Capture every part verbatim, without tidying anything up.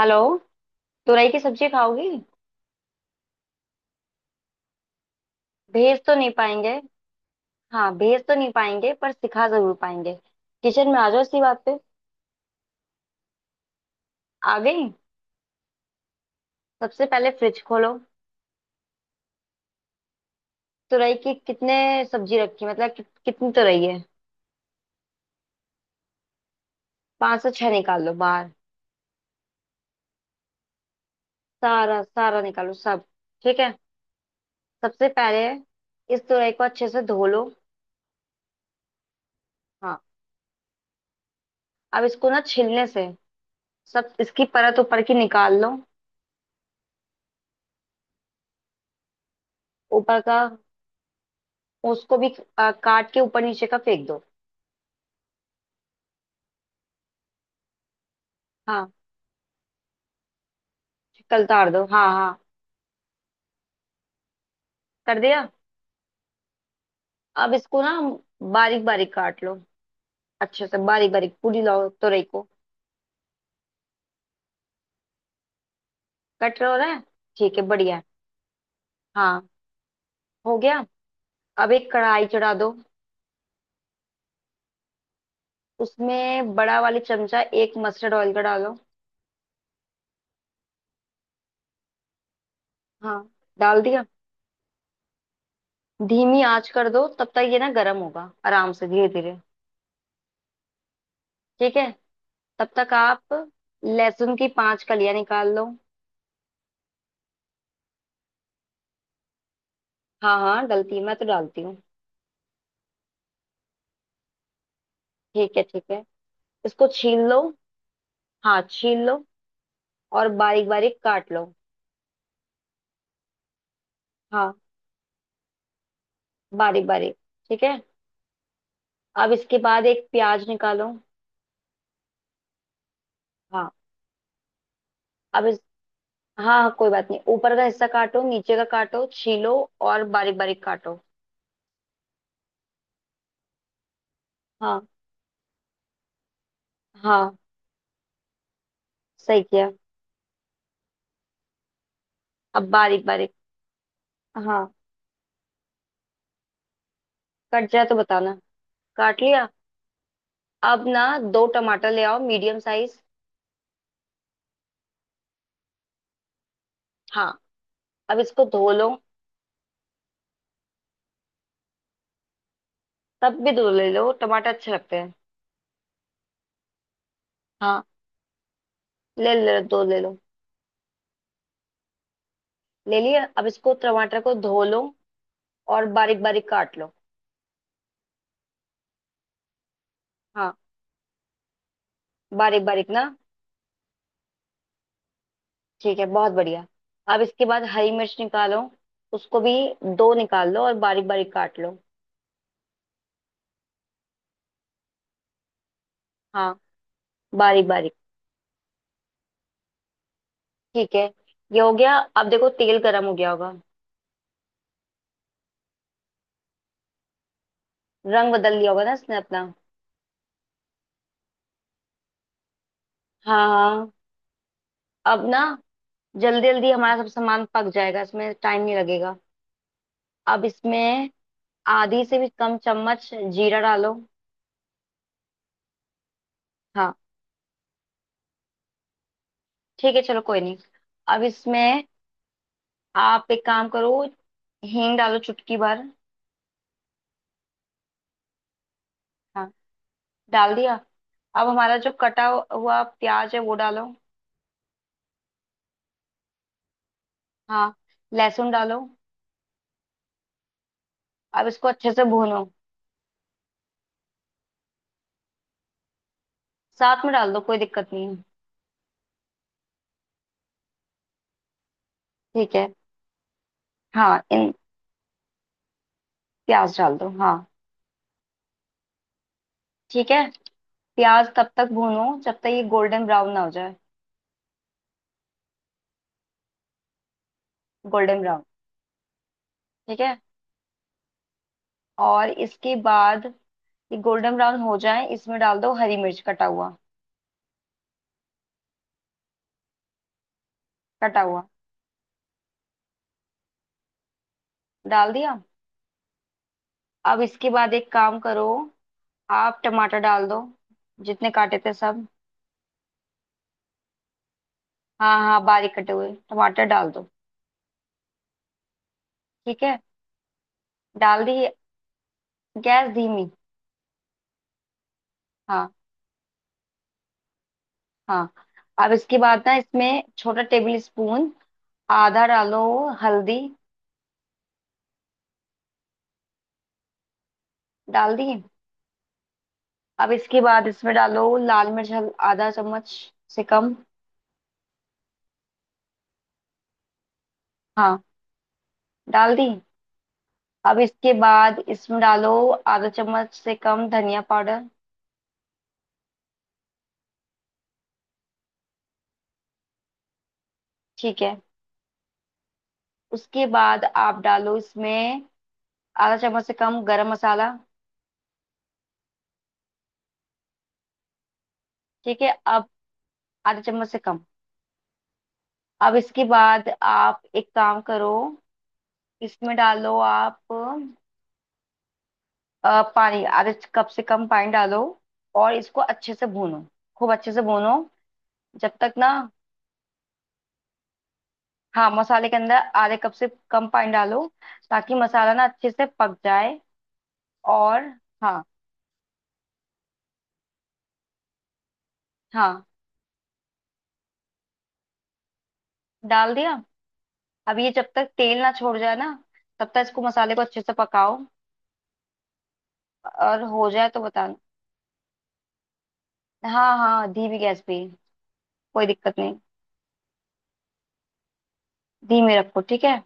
Hello. तुरई की सब्जी खाओगी। भेज तो नहीं पाएंगे। हाँ, भेज तो नहीं पाएंगे पर सिखा जरूर पाएंगे। किचन में आ जाओ इसी बात पे। आ गई। सबसे पहले फ्रिज खोलो। तुरई की कितने सब्जी रखी, मतलब कि, कितनी तुरई है। पांच से छह निकाल लो बाहर। सारा सारा निकालो सब। ठीक है। सबसे पहले इस तुरई को अच्छे से धो लो। हाँ। अब इसको ना छिलने से सब इसकी परत ऊपर की निकाल लो। ऊपर का उसको भी आ, काट के ऊपर नीचे का फेंक दो। हाँ, कल तार दो। हाँ हाँ। कर दिया। अब इसको ना बारीक बारीक काट लो। अच्छे से बारीक बारीक पूरी लाओ तुरई को। कट रहा, हो रहा है। ठीक है, बढ़िया है। हाँ, हो गया। अब एक कढ़ाई चढ़ा दो। उसमें बड़ा वाली चमचा एक मस्टर्ड ऑयल का डालो। हाँ, डाल दिया। धीमी आंच कर दो, तब तक ये ना गर्म होगा आराम से धीरे धीरे। ठीक है। तब तक आप लहसुन की पांच कलियां निकाल लो। हाँ हाँ, डलती है, मैं तो डालती हूँ। ठीक है ठीक है। इसको छील लो। हाँ, छील लो और बारीक बारीक काट लो। हाँ, बारीक बारीक। ठीक है। अब इसके बाद एक प्याज निकालो। हाँ, अब इस, हाँ हाँ कोई बात नहीं, ऊपर का हिस्सा काटो नीचे का काटो छीलो, और बारीक बारीक काटो। हाँ हाँ, सही किया। अब बारीक बारीक, हाँ। कट जाए तो बताना। काट लिया। अब ना दो टमाटर ले आओ मीडियम साइज। हाँ, अब इसको धो लो। तब भी दो ले लो, टमाटर अच्छे लगते हैं। हाँ, ले ले, दो ले लो। ले लिया, अब इसको टमाटर को धो लो और बारीक बारीक काट लो। हाँ, बारीक बारीक ना। ठीक है, बहुत बढ़िया। अब इसके बाद हरी मिर्च निकालो। उसको भी दो निकाल लो और बारीक बारीक काट लो। हाँ, बारीक बारीक। ठीक है। ये हो गया, अब देखो तेल गर्म हो गया होगा। रंग बदल लिया होगा ना इसने अपना। हाँ हाँ। अब ना जल्दी जल्दी हमारा सब सामान पक जाएगा, इसमें टाइम नहीं लगेगा। अब इसमें आधी से भी कम चम्मच जीरा डालो। हाँ, ठीक है चलो कोई नहीं। अब इसमें आप एक काम करो, हींग डालो चुटकी भर। हाँ, डाल दिया। अब हमारा जो कटा हुआ प्याज है वो डालो। हाँ, लहसुन डालो। अब इसको अच्छे से भूनो। साथ में डाल दो, कोई दिक्कत नहीं है। ठीक है। हाँ इन, प्याज डाल दो। हाँ, ठीक है। प्याज तब तक भूनो जब तक ये गोल्डन ब्राउन ना हो जाए। Golden brown. ठीक है। और इसके बाद ये गोल्डन ब्राउन हो जाए, इसमें डाल दो हरी मिर्च कटा हुआ। कटा हुआ। डाल दिया। अब इसके बाद एक काम करो, आप टमाटर डाल दो जितने काटे थे सब। हाँ हाँ, बारीक कटे हुए टमाटर डाल दो। ठीक है, डाल दी। गैस धीमी। हाँ हाँ। अब इसके बाद ना इसमें छोटा टेबल स्पून आधा डालो हल्दी। डाल दी। अब इसके बाद इसमें डालो लाल मिर्च, हल- आधा चम्मच से कम। हाँ, डाल दी। अब इसके बाद इसमें डालो आधा चम्मच से कम धनिया पाउडर। ठीक है। उसके बाद आप डालो इसमें आधा चम्मच से कम गरम मसाला। ठीक है। अब आधा चम्मच से कम। अब इसके बाद आप एक काम करो। इसमें डालो आप अ, पानी, आधे कप से कम पानी डालो और इसको अच्छे से भूनो। खूब अच्छे से भूनो जब तक ना, हाँ मसाले के अंदर आधे कप से कम पानी डालो ताकि मसाला ना अच्छे से पक जाए। और हाँ हाँ, डाल दिया। अब ये जब तक तेल ना छोड़ जाए ना, तब तक इसको मसाले को अच्छे से पकाओ। और हो जाए तो बताना। हाँ हाँ, धीमी गैस पे। कोई दिक्कत नहीं, धीमे रखो ठीक है।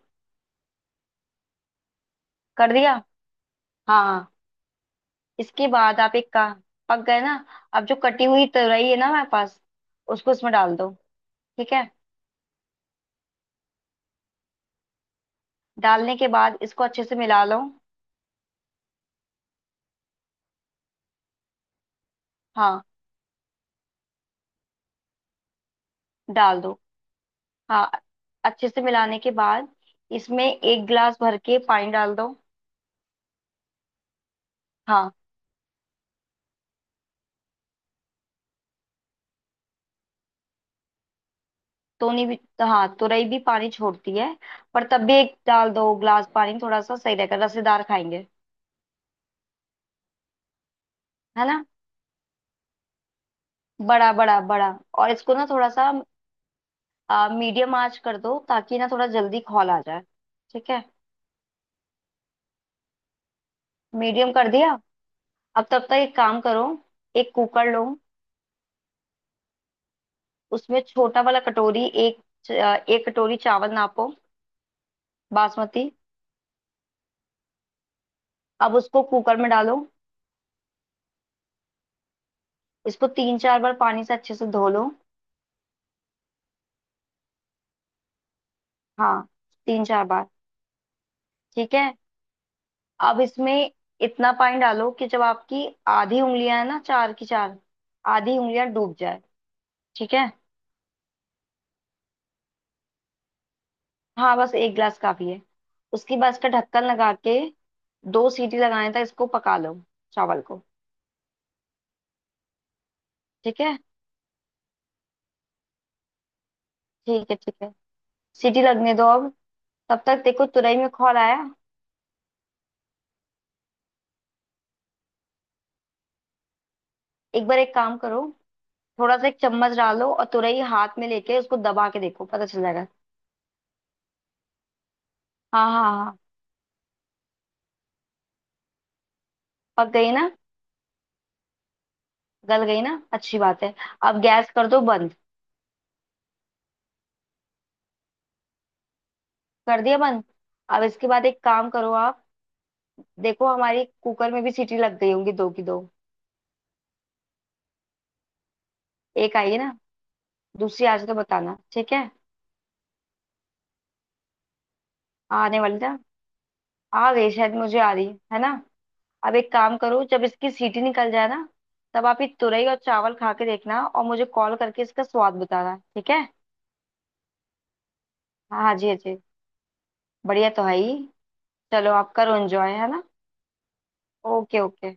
कर दिया। हाँ हाँ। इसके बाद आप एक का, पक गए ना। अब जो कटी हुई तराई है ना हमारे पास, उसको इसमें डाल दो। ठीक है, डालने के बाद इसको अच्छे से मिला लो। हाँ, डाल दो। हाँ, अच्छे से मिलाने के बाद इसमें एक गिलास भर के पानी डाल दो। हाँ, तोनी भी, हाँ तुरई भी पानी छोड़ती है। पर तब भी एक डाल दो गिलास पानी, थोड़ा सा सही रहेगा, रसेदार खाएंगे। है ना। बड़ा बड़ा बड़ा। और इसको ना थोड़ा सा आ, मीडियम आंच कर दो ताकि ना थोड़ा जल्दी खौल आ जाए। ठीक है, मीडियम कर दिया। अब तब तक एक काम करो। एक कुकर लो। उसमें छोटा वाला कटोरी एक, च- एक कटोरी चावल नापो, बासमती। अब उसको कुकर में डालो। इसको तीन चार बार पानी से अच्छे से धो लो। हाँ, तीन चार बार। ठीक है। अब इसमें इतना पानी डालो कि जब आपकी आधी उंगलियां है ना, चार की चार आधी उंगलियां डूब जाए। ठीक है, हाँ बस एक गिलास काफी है। उसके बाद इसका ढक्कन लगा के दो सीटी लगाने तक इसको पका लो, चावल को। ठीक है ठीक है ठीक है। सीटी लगने दो अब। तब तक देखो तुरई में खौल आया। एक बार एक काम करो। थोड़ा सा एक चम्मच डालो और तुरई हाथ में लेके उसको दबा के देखो पता चल जाएगा। हाँ हाँ हाँ। पक गई ना, गल गई ना, अच्छी बात है। अब गैस कर दो बंद। कर दिया बंद। अब इसके बाद एक काम करो आप। देखो हमारी कुकर में भी सीटी लग गई होंगी दो की दो। एक आई है ना। दूसरी आज तो बताना ठीक है। आने वाली ना। आ गई शायद, मुझे आ रही है ना। अब एक काम करो, जब इसकी सीटी निकल जाए ना, तब आप ये तुरई और चावल खा के देखना और मुझे कॉल करके इसका स्वाद बताना ठीक है। हाँ हाँ जी, हाँ जी। बढ़िया तो है ही। चलो आप करो एंजॉय, है ना। Okay okay.